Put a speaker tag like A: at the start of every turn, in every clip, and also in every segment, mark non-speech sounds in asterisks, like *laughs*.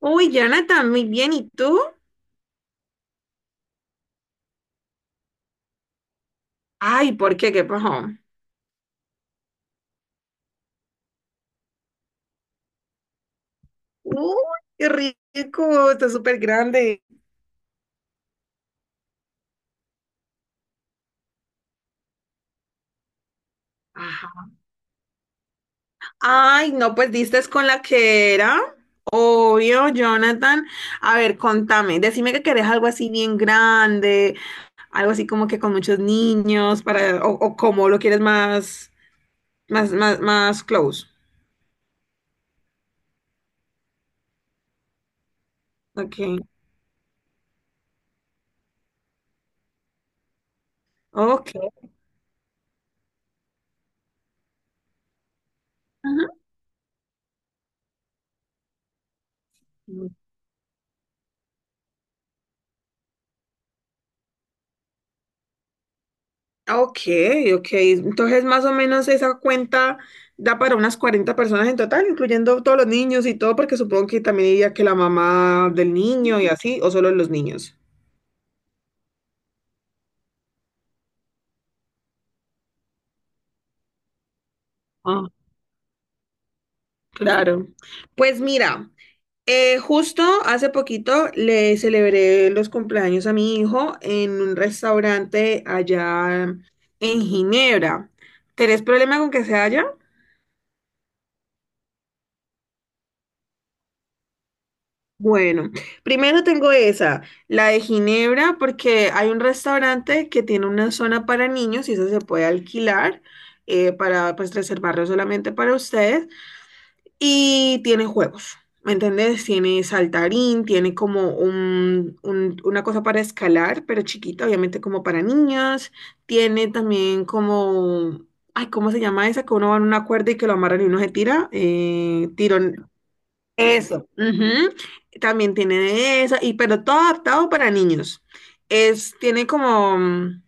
A: Uy, Jonathan, muy bien. ¿Y tú? Ay, ¿por qué? ¿Qué pasó? Uy, qué rico, está súper grande. Ajá. Ay, no, pues diste con la que era. Obvio, Jonathan. A ver, contame. Decime que querés algo así bien grande, algo así como que con muchos niños, para, o cómo lo quieres más close. Ok. Ok. Ajá. Ah, ok, ok. Entonces, más o menos esa cuenta da para unas 40 personas en total, incluyendo todos los niños y todo, porque supongo que también diría que la mamá del niño y así, o solo los niños. Ah, claro. Pues mira, justo hace poquito le celebré los cumpleaños a mi hijo en un restaurante allá en Ginebra. ¿Tenés problema con que sea allá? Bueno, primero tengo esa, la de Ginebra, porque hay un restaurante que tiene una zona para niños y esa se puede alquilar para pues reservarlo solamente para ustedes y tiene juegos, ¿me entiendes? Tiene saltarín, tiene como una cosa para escalar, pero chiquita, obviamente como para niños, tiene también como, ay, ¿cómo se llama esa? Que uno va en una cuerda y que lo amarran y uno se tira, eso. Ujú. También tiene de esa, y, pero todo adaptado para niños. Es, tiene como, mm,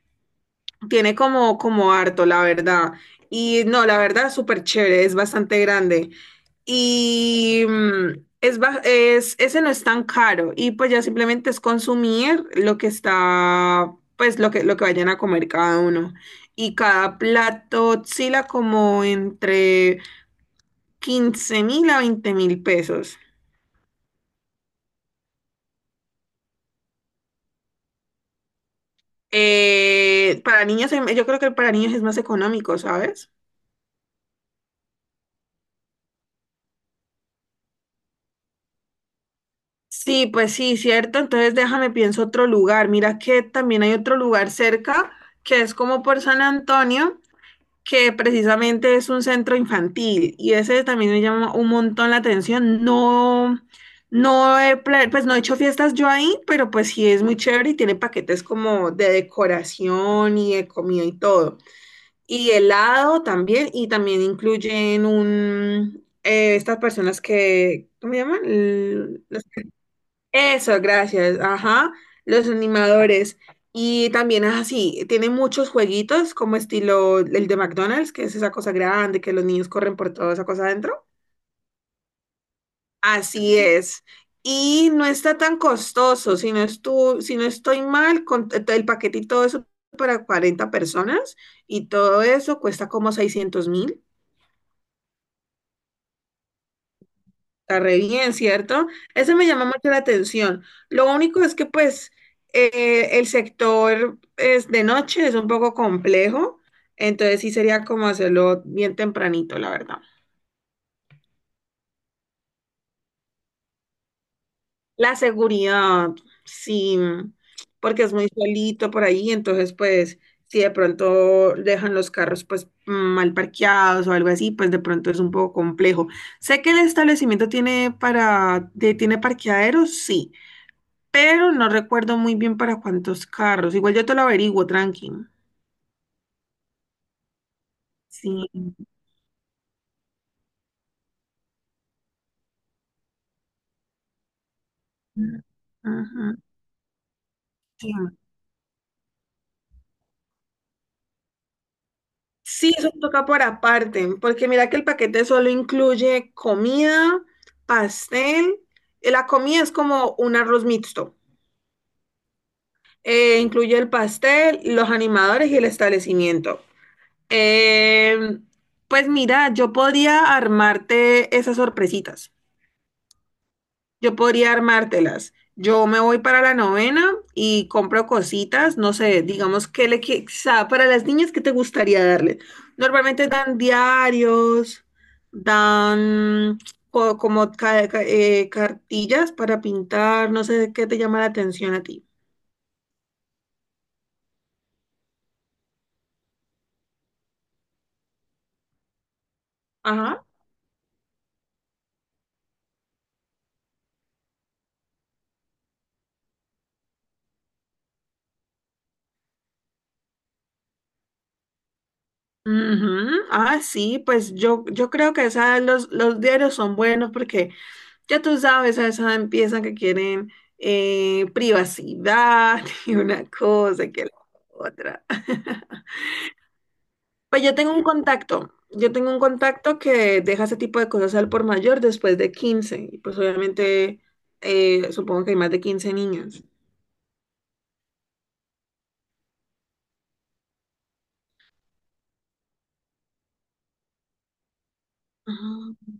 A: tiene como harto, la verdad. Y no, la verdad, súper chévere, es bastante grande. Y ese no es tan caro. Y pues ya simplemente es consumir lo que está, pues lo que vayan a comer cada uno. Y cada plato oscila como entre 15.000 a 20.000 pesos. Para niños, yo creo que para niños es más económico, ¿sabes? Sí, pues sí, cierto. Entonces déjame pienso otro lugar. Mira que también hay otro lugar cerca que es como por San Antonio, que precisamente es un centro infantil y ese también me llama un montón la atención. No, pues no he hecho fiestas yo ahí, pero pues sí es muy chévere y tiene paquetes como de decoración y de comida y todo. Y helado también, y también incluyen estas personas que, ¿cómo se llaman? Eso, gracias, ajá, los animadores. Y también es así, tiene muchos jueguitos como estilo el de McDonald's, que es esa cosa grande, que los niños corren por toda esa cosa adentro. Así es. Y no está tan costoso, si no estoy mal, con el paquete y todo eso para 40 personas y todo eso cuesta como 600.000. Está re bien, ¿cierto? Eso me llama mucho la atención. Lo único es que pues el sector es de noche, es un poco complejo, entonces sí sería como hacerlo bien tempranito, la verdad. La seguridad, sí, porque es muy solito por ahí, entonces pues si de pronto dejan los carros pues mal parqueados o algo así, pues de pronto es un poco complejo. Sé que el establecimiento tiene tiene parqueaderos, sí. Pero no recuerdo muy bien para cuántos carros. Igual yo te lo averiguo, tranqui. Sí. Ujú. Sí. Sí, eso toca por aparte, porque mira que el paquete solo incluye comida, pastel. La comida es como un arroz mixto. Incluye el pastel, los animadores y el establecimiento. Eh, pues mira, yo podría armarte esas sorpresitas. Yo podría armártelas. Yo me voy para la novena y compro cositas, no sé, digamos que para las niñas qué te gustaría darle. Normalmente dan diarios, dan como cartillas para pintar, no sé qué te llama la atención a ti. Ajá. Ujú. Ah, sí, pues yo creo que los diarios son buenos porque ya tú sabes, a esa empiezan que quieren privacidad *laughs* y una cosa que la otra. *laughs* Pues yo tengo un contacto que deja ese tipo de cosas al por mayor después de 15. Y pues obviamente supongo que hay más de 15 niños. Ajá.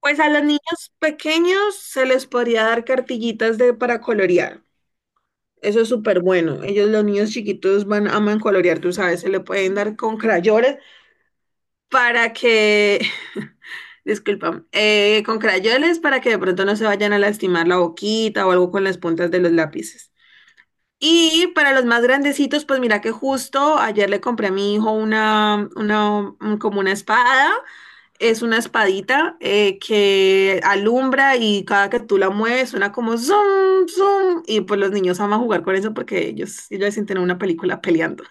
A: Pues a los niños pequeños se les podría dar cartillitas para colorear. Eso es súper bueno. Ellos, los niños chiquitos, aman colorear, tú sabes, se le pueden dar con crayones para que, *laughs* disculpa, con crayoles para que de pronto no se vayan a lastimar la boquita o algo con las puntas de los lápices. Y para los más grandecitos, pues mira que justo ayer le compré a mi hijo como una espada. Es una espadita que alumbra y cada que tú la mueves suena como zoom, zoom. Y pues los niños aman jugar con eso porque ellos se sienten en una película peleando.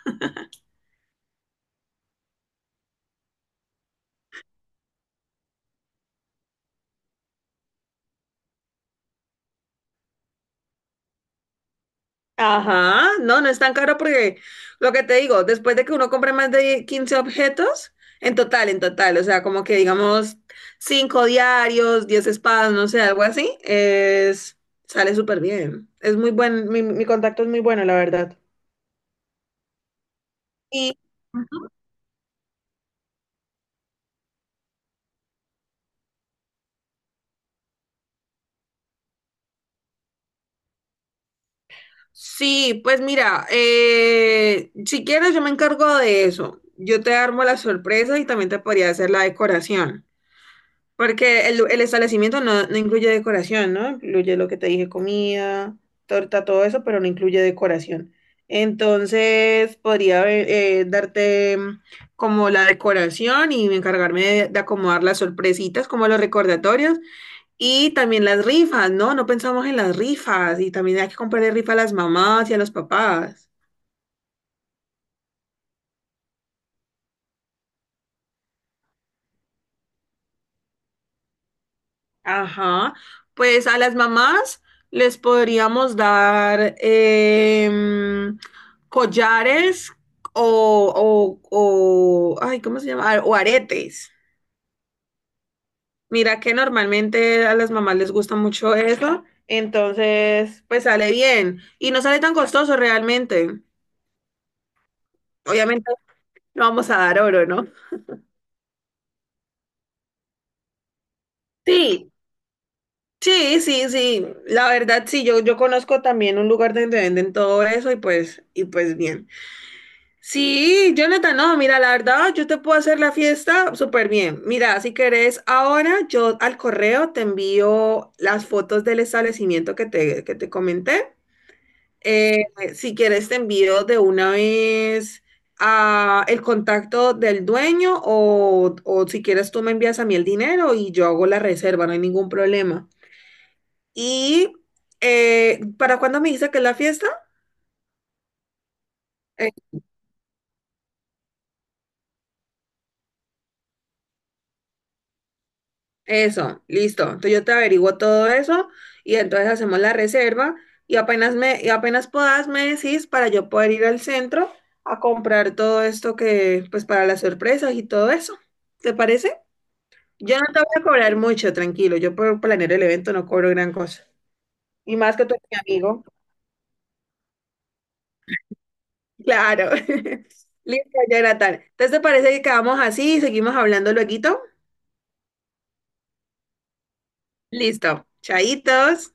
A: Ajá, no, no es tan caro porque lo que te digo, después de que uno compre más de 15 objetos, en total, o sea, como que digamos 5 diarios, 10 espadas, no sé, algo así, sale súper bien. Es muy buen, mi contacto es muy bueno, la verdad. Y sí, pues mira, si quieres yo me encargo de eso. Yo te armo la sorpresa y también te podría hacer la decoración. Porque el establecimiento no, no incluye decoración, ¿no? Incluye lo que te dije, comida, torta, todo eso, pero no incluye decoración. Entonces, podría darte como la decoración y encargarme de acomodar las sorpresitas, como los recordatorios, y también las rifas, ¿no? No pensamos en las rifas, y también hay que comprarle rifa a las mamás y a los papás. Ajá, pues a las mamás les podríamos dar collares o, ay, ¿cómo se llama? Ah, o aretes. Mira que normalmente a las mamás les gusta mucho eso, entonces pues sale bien y no sale tan costoso realmente. Obviamente no vamos a dar oro, ¿no? Sí, sí, sí, sí. La verdad, sí, yo conozco también un lugar donde venden todo eso y pues bien. Sí, Jonathan, no, mira, la verdad, yo te puedo hacer la fiesta súper bien. Mira, si querés, ahora yo al correo te envío las fotos del establecimiento que te comenté. Eh, si quieres, te envío de una vez el contacto del dueño o si quieres, tú me envías a mí el dinero y yo hago la reserva, no hay ningún problema. Y ¿para cuándo me dice que es la fiesta? Eso, listo. Entonces yo te averiguo todo eso y entonces hacemos la reserva y apenas puedas me decís para yo poder ir al centro a comprar todo esto que, pues para las sorpresas y todo eso. ¿Te parece? Yo no te voy a cobrar mucho, tranquilo. Yo por planear el evento no cobro gran cosa. Y más que tú eres mi amigo. Claro. *laughs* Listo, Jonathan. Entonces, ¿te parece que quedamos así y seguimos hablando lueguito? Listo. Chaitos.